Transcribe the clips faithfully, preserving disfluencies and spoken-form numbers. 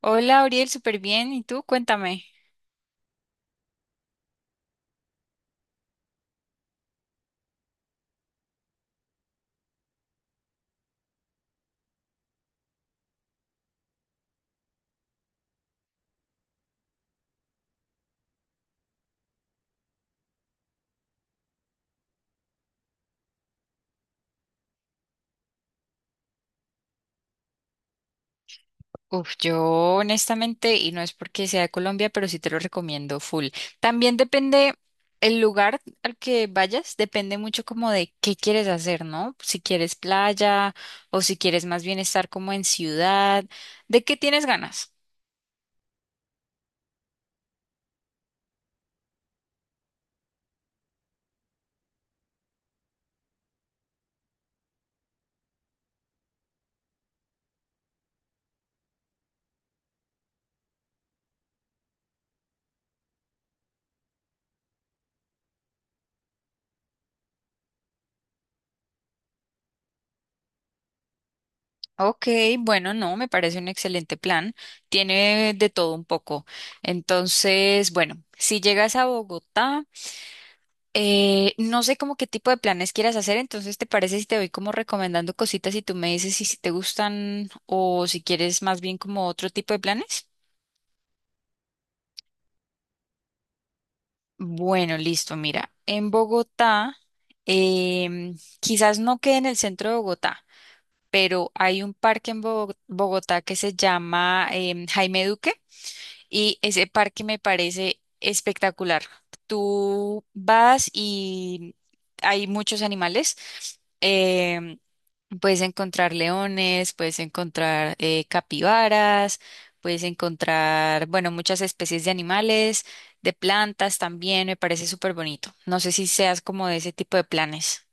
Hola, Ariel, súper bien. ¿Y tú? Cuéntame. Uf, yo honestamente, y no es porque sea de Colombia, pero sí te lo recomiendo full. También depende el lugar al que vayas, depende mucho como de qué quieres hacer, ¿no? Si quieres playa o si quieres más bien estar como en ciudad, ¿de qué tienes ganas? Ok, bueno, no, me parece un excelente plan. Tiene de todo un poco. Entonces, bueno, si llegas a Bogotá. Eh, no sé como qué tipo de planes quieras hacer, entonces ¿te parece si te voy como recomendando cositas y tú me dices si, si te gustan o si quieres más bien como otro tipo de planes? Bueno, listo, mira, en Bogotá, em, quizás no quede en el centro de Bogotá, pero hay un parque en Bogo- Bogotá que se llama em, Jaime Duque, y ese parque me parece espectacular. Tú vas y hay muchos animales. em, Puedes encontrar leones, puedes encontrar eh, capibaras, puedes encontrar, bueno, muchas especies de animales, de plantas también, me parece súper bonito. No sé si seas como de ese tipo de planes.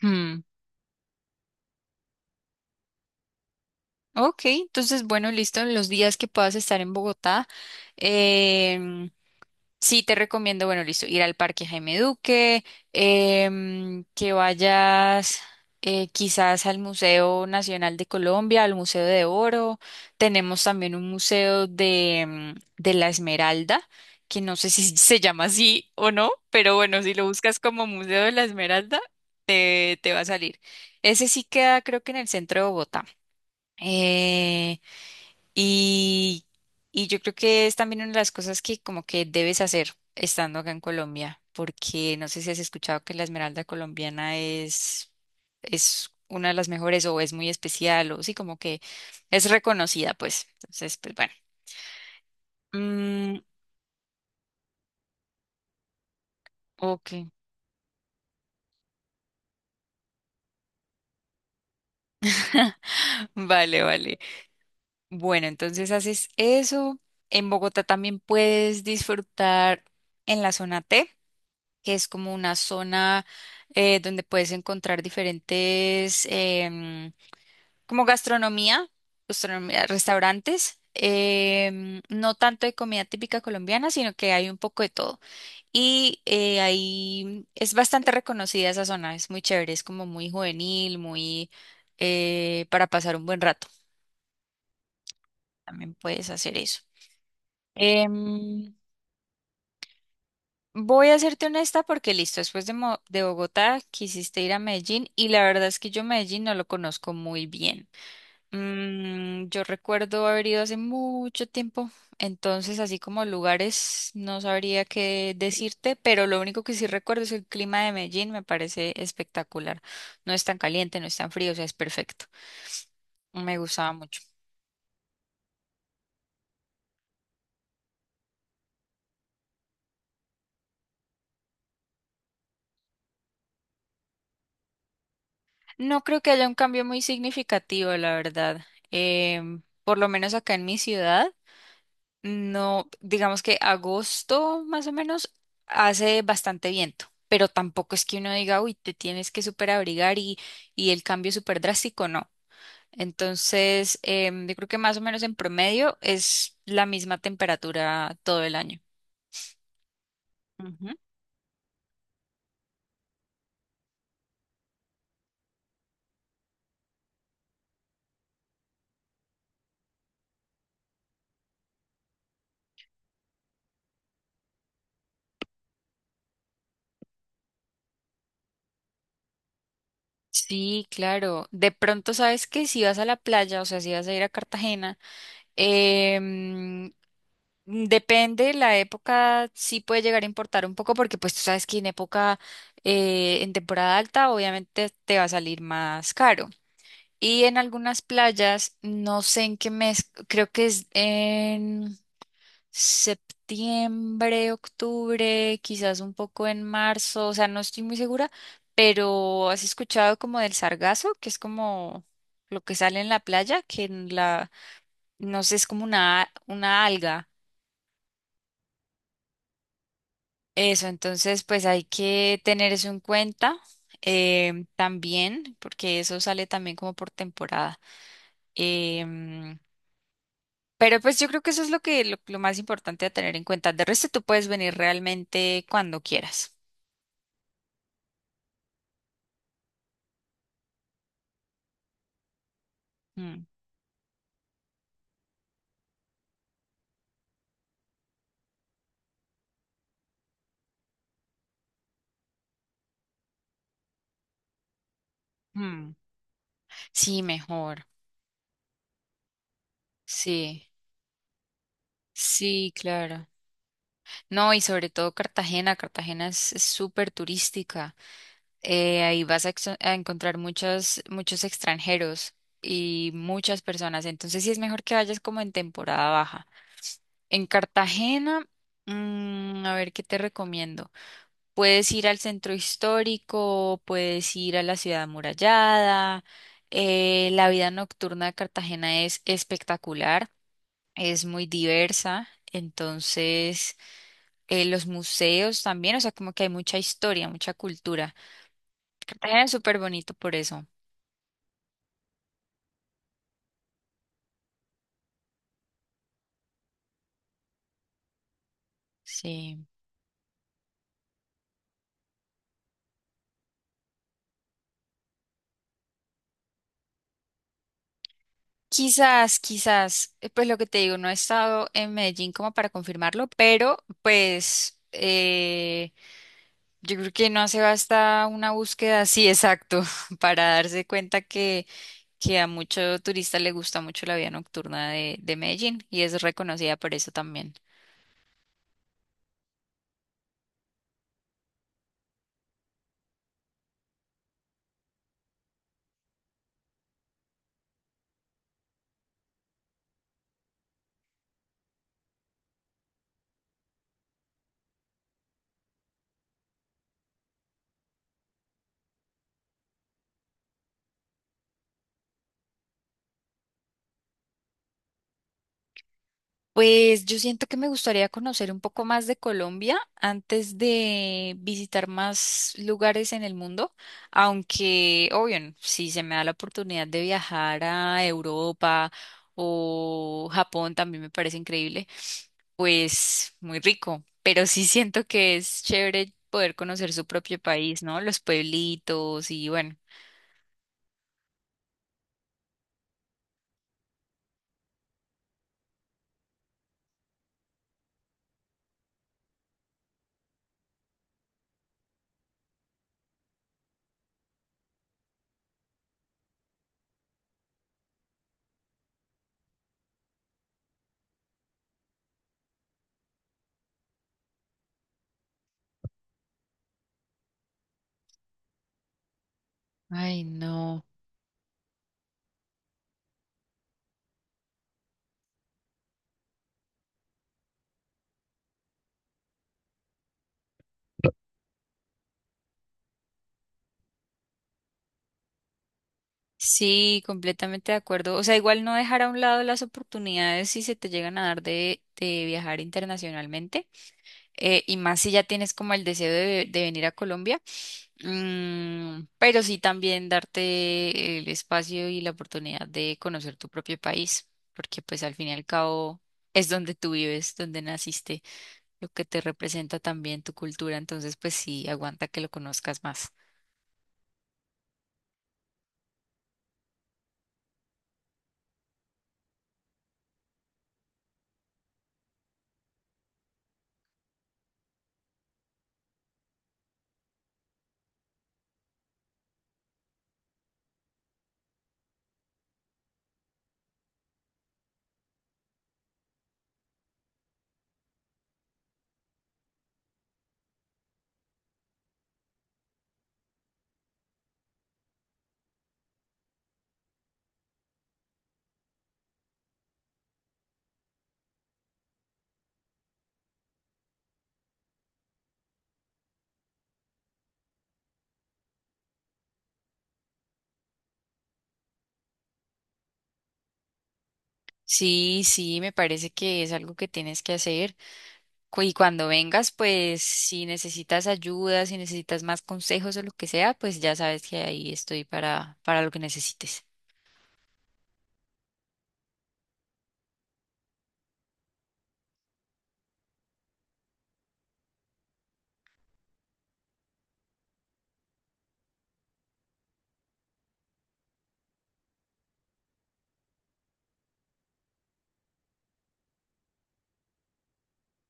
Hmm, Ok, entonces, bueno, listo, los días que puedas estar en Bogotá. Sí, te recomiendo, bueno, listo, ir al Parque Jaime Duque, em, que vayas, eh, quizás, al Museo Nacional de Colombia, al Museo de Oro. Tenemos también un museo de, em, de la Esmeralda, que no sé si se llama así o no, pero bueno, si lo buscas como Museo de la Esmeralda, te, te va a salir. Ese sí queda, creo que en el centro de Bogotá. Eh, y, y yo creo que es también una de las cosas que como que debes hacer estando acá en Colombia, porque no sé si has escuchado que la esmeralda colombiana es, es una de las mejores o es muy especial o sí, como que es reconocida, pues. Entonces, pues bueno. Mm, ok, vale, vale. Bueno, entonces haces eso. En Bogotá también puedes disfrutar en la zona T, que es como una zona eh, donde puedes encontrar diferentes, em, como gastronomía, gastronomía, restaurantes. Em, no tanto de comida típica colombiana, sino que hay un poco de todo. Y eh, ahí es bastante reconocida esa zona, es muy chévere, es como muy juvenil, muy eh, para pasar un buen rato. También puedes hacer eso. Em, Voy a serte honesta porque listo, después de, Mo- de Bogotá, quisiste ir a Medellín y la verdad es que yo Medellín no lo conozco muy bien. Mm, yo recuerdo haber ido hace mucho tiempo, entonces así como lugares no sabría qué decirte, pero lo único que sí recuerdo es el clima de Medellín, me parece espectacular. No es tan caliente, no es tan frío, o sea, es perfecto. Me gustaba mucho. No creo que haya un cambio muy significativo, la verdad. Em, por lo menos acá en mi ciudad. No, digamos que agosto más o menos hace bastante viento, pero tampoco es que uno diga, uy, te tienes que súper abrigar, y, y el cambio es súper drástico, no. Entonces, em, yo creo que más o menos en promedio es la misma temperatura todo el año. Ujú. Sí, claro. De pronto sabes que si vas a la playa, o sea, si vas a ir a Cartagena, em, Mm, depende, la época sí puede llegar a importar un poco porque pues tú sabes que en época, eh, en temporada alta obviamente te va a salir más caro. Y en algunas playas, no sé en qué mes, creo que es en septiembre, octubre, quizás un poco en marzo, o sea, no estoy muy segura, pero ¿has escuchado como del sargazo, que es como lo que sale en la playa, que en la, no sé, es como una, una alga? Eso, entonces pues hay que tener eso en cuenta, em, también, porque eso sale también como por temporada. Em, pero pues yo creo que eso es lo que lo, lo más importante a tener en cuenta. De resto tú puedes venir realmente cuando quieras. Mm, mm. Sí, mejor. Sí, sí, claro. No, y sobre todo Cartagena. Cartagena es es súper turística. Eh, ahí vas a, exo- a encontrar muchos, muchos extranjeros y muchas personas. Entonces sí es mejor que vayas como en temporada baja. En Cartagena, mm, a ver qué te recomiendo. Puedes ir al centro histórico, puedes ir a la ciudad amurallada. Eh, la vida nocturna de Cartagena es espectacular, es muy diversa. Entonces, eh, los museos también, o sea, como que hay mucha historia, mucha cultura. Cartagena es súper bonito por eso. Sí. Quizás, quizás, eh, pues lo que te digo, no he estado en Medellín como para confirmarlo, pero pues eh, yo creo que no hace basta una búsqueda así exacto para darse cuenta que, que a mucho turista le gusta mucho la vida nocturna de, de Medellín y es reconocida por eso también. Pues yo siento que me gustaría conocer un poco más de Colombia antes de visitar más lugares en el mundo, aunque, obvio, n- si se me da la oportunidad de viajar a Europa o Japón, también me parece increíble, pues muy rico, pero sí siento que es chévere poder conocer su propio país, ¿no? Los pueblitos y bueno. Ay, no. Sí, completamente de acuerdo. O sea, igual no dejar a un lado las oportunidades si se te llegan a dar de, de viajar internacionalmente, eh, y más si ya tienes como el deseo de, de venir a Colombia. Mm, pero sí también darte el espacio y la oportunidad de conocer tu propio país, porque pues al fin y al cabo es donde tú vives, donde naciste, lo que te representa también tu cultura, entonces pues sí, aguanta que lo conozcas más. Sí, sí, me parece que es algo que tienes que hacer. cu- Y cuando vengas, pues si necesitas ayuda, si necesitas más consejos o lo que sea, pues ya sabes que ahí estoy para, para lo que necesites.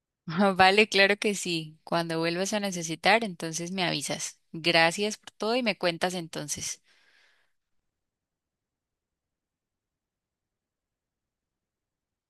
Vale, claro que sí. Cuando vuelvas a necesitar, entonces me avisas. Gracias por todo y me cuentas entonces.